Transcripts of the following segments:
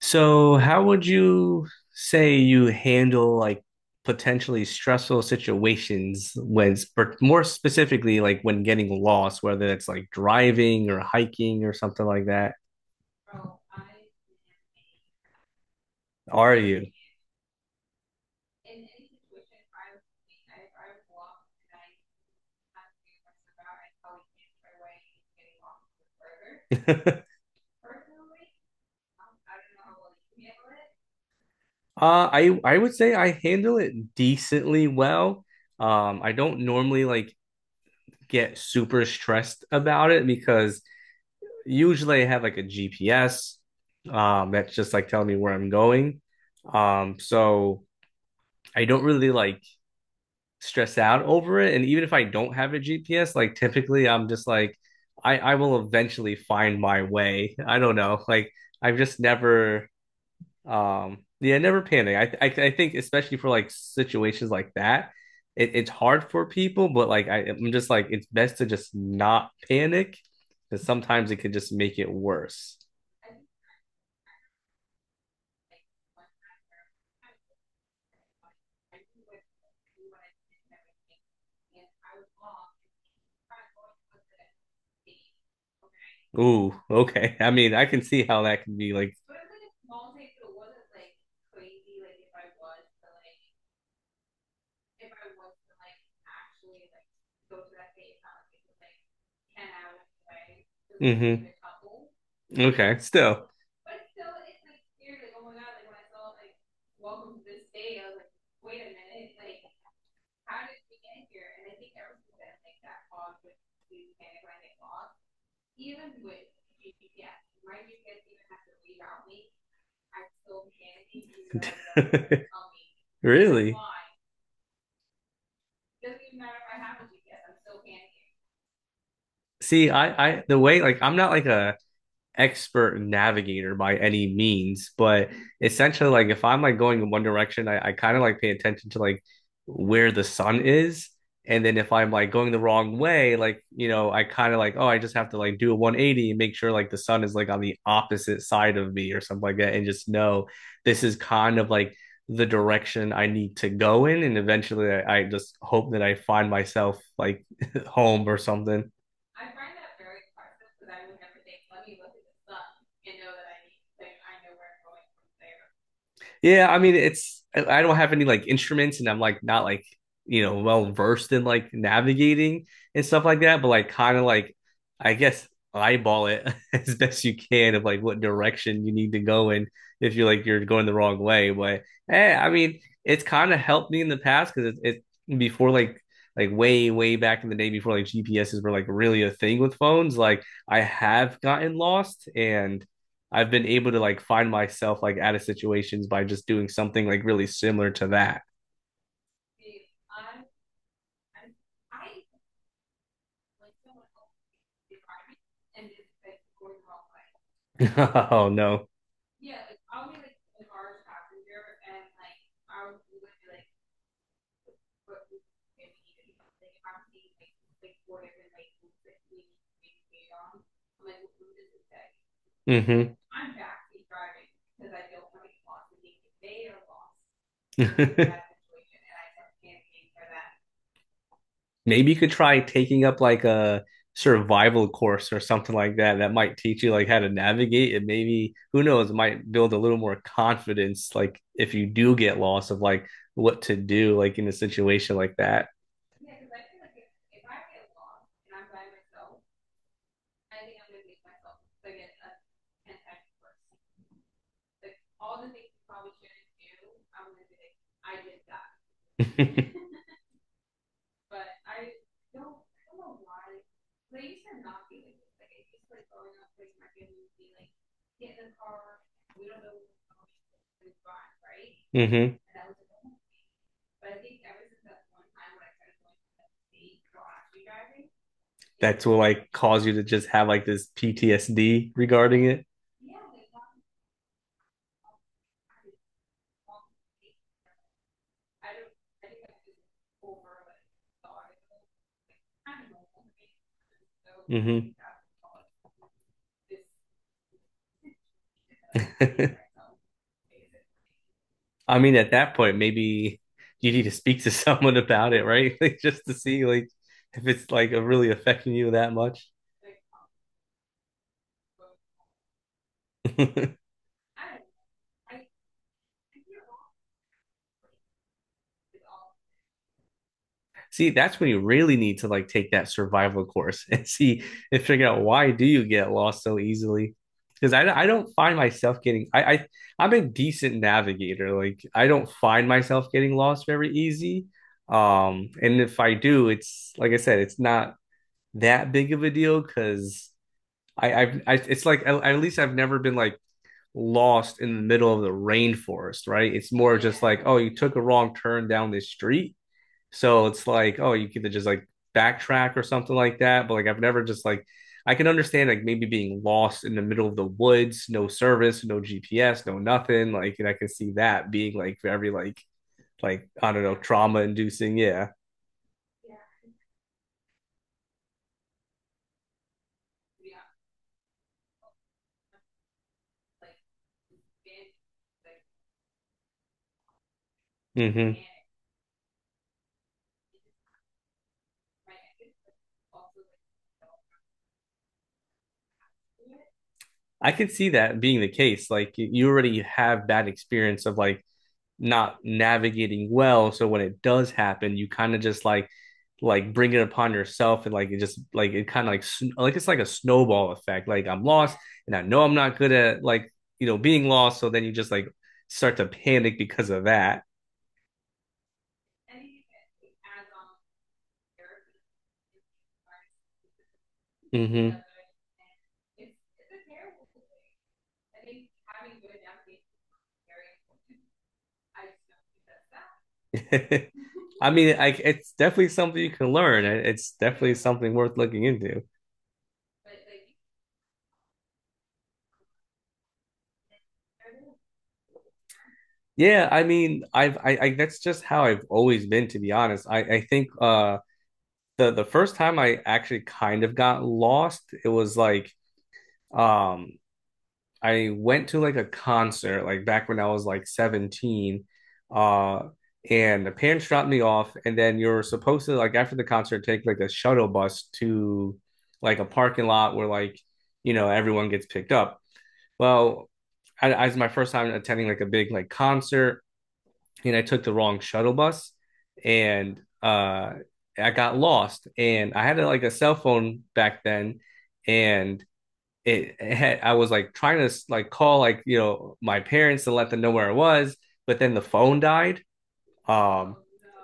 So, how would you say you handle like potentially stressful situations when, but more specifically, like when getting lost, whether it's like driving or hiking or something like that? Are you? I would say I handle it decently well. I don't normally like get super stressed about it because usually I have like a GPS, that's just like telling me where I'm going. Um, so. I don't really like stress out over it. And even if I don't have a GPS, like typically I'm just like, I will eventually find my way. I don't know. Like I've just never yeah, never panic. I think especially for like situations like that, it's hard for people, but like I'm just like it's best to just not panic because sometimes it could just make it worse. Ooh, okay. I mean, I can see how that can be like mm-hmm. Okay, still. Really? See, the way, like, I'm not like expert navigator by any means, but essentially, like if I'm like going in one direction, I kind of like pay attention to like where the sun is. And then if I'm like going the wrong way, like, you know, I kind of like, oh, I just have to like do a 180 and make sure like the sun is like on the opposite side of me or something like that. And just know this is kind of like the direction I need to go in. And eventually I just hope that I find myself like home or something. Yeah, I mean, it's I don't have any like instruments, and I'm like not like you know well versed in like navigating and stuff like that, but like kind of like I guess eyeball it as best you can of like what direction you need to go in if you're like you're going the wrong way. But eh, I mean, it's kind of helped me in the past because it before like way back in the day before like GPSs were like really a thing with phones. Like I have gotten lost and I've been able to like find myself like out of situations by just doing something like really similar to that. Oh no. Mm-hmm. Maybe you could try taking up like a survival course or something like that that might teach you like how to navigate and maybe who knows it might build a little more confidence like if you do get lost of like what to do like in a situation like that mm-hmm. That's what like cause you to just have like this ptsd regarding it mm-hmm. I mean, at that point, maybe you need to speak to someone about it, right? Like just to see like if it's like really affecting you that much. See, that's when you really need to like take that survival course and see and figure out why do you get lost so easily. Because I don't find myself getting I'm a decent navigator. Like I don't find myself getting lost very easy. And if I do, it's like I said, it's not that big of a deal because it's like at, least I've never been like lost in the middle of the rainforest, right? It's more just like, oh, you took a wrong turn down this street. So it's like, oh, you could just like backtrack or something like that. But like I've never just like I can understand like maybe being lost in the middle of the woods, no service, no GPS, no nothing. Like and I can see that being like very like I don't know, trauma inducing. Yeah. Mm-hmm. I could see that being the case. Like you- already have bad experience of like not navigating well, so when it does happen, you kind of just like bring it upon yourself, and like it just like it kind of like it's like a snowball effect. Like I'm lost, and I know I'm not good at like you know being lost, so then you just like start to panic because of that. Hmm. I mean, it's definitely something you can learn. It's definitely something worth looking into. Yeah, I mean, I that's just how I've always been, to be honest. I think the first time I actually kind of got lost, it was like um I went to like a concert like back when I was like 17, uh and the parents dropped me off and then you're supposed to like after the concert take like a shuttle bus to like a parking lot where like you know everyone gets picked up. Well, I was my first time attending like a big like concert and I took the wrong shuttle bus and I got lost and I had like a cell phone back then and it had I was like trying to like call like you know my parents to let them know where I was but then the phone died, um,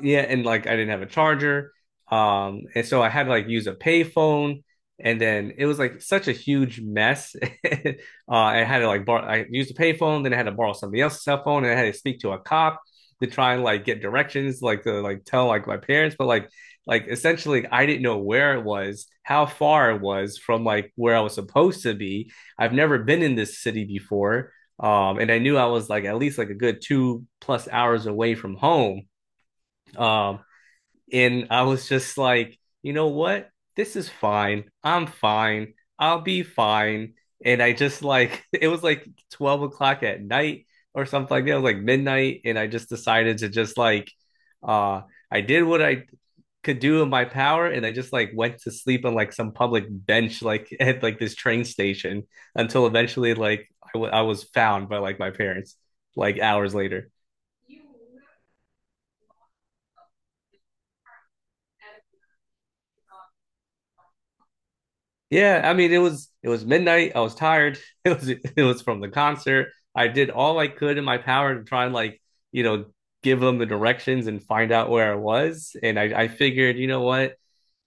yeah, and like I didn't have a charger. And so I had to like use a payphone, and then it was like such a huge mess. I had to like borrow. I used a payphone, then I had to borrow somebody else's cell phone, and I had to speak to a cop to try and like get directions, like to like tell like my parents, but like essentially I didn't know where it was, how far it was from like where I was supposed to be. I've never been in this city before. And I knew I was like at least like a good two plus hours away from home. Um, and I was just like, you know what? This is fine. I'm fine. I'll be fine. And I just like it was like 12 o'clock at night or something like that. It was like midnight. And I just decided to just like uh I did what I could do in my power and I just like went to sleep on like some public bench like at like this train station until eventually like I was found by like my parents like hours later. Yeah I mean it was midnight I was tired. It was it was from the concert. I did all I could in my power to try and like you know give them the directions and find out where I was and I figured you know what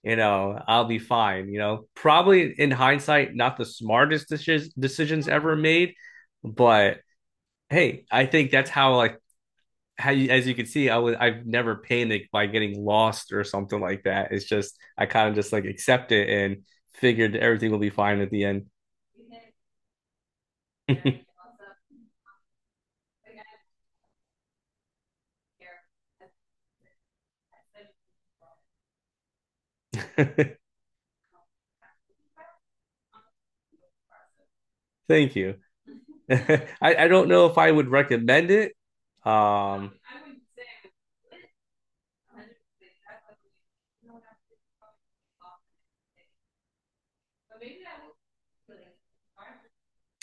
you know, I'll be fine. You know, probably in hindsight, not the smartest decisions ever made, but hey, I think that's how like how you, as you can see, I've never panicked by getting lost or something like that. It's just I kind of just like accept it and figured everything will be fine at the end. Thank you. I, I don't know if I would recommend it. Um,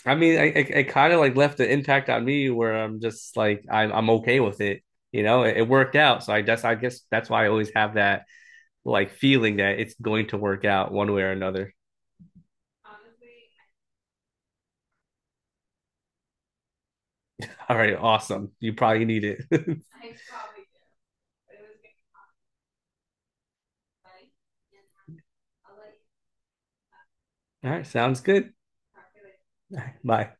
I mean, it kind of like left an impact on me where I'm just like I'm okay with it. You know, it worked out, so I guess that's why I always have that like feeling that it's going to work out one way or another. All right, awesome. You probably need it. All right, sounds good. Bye.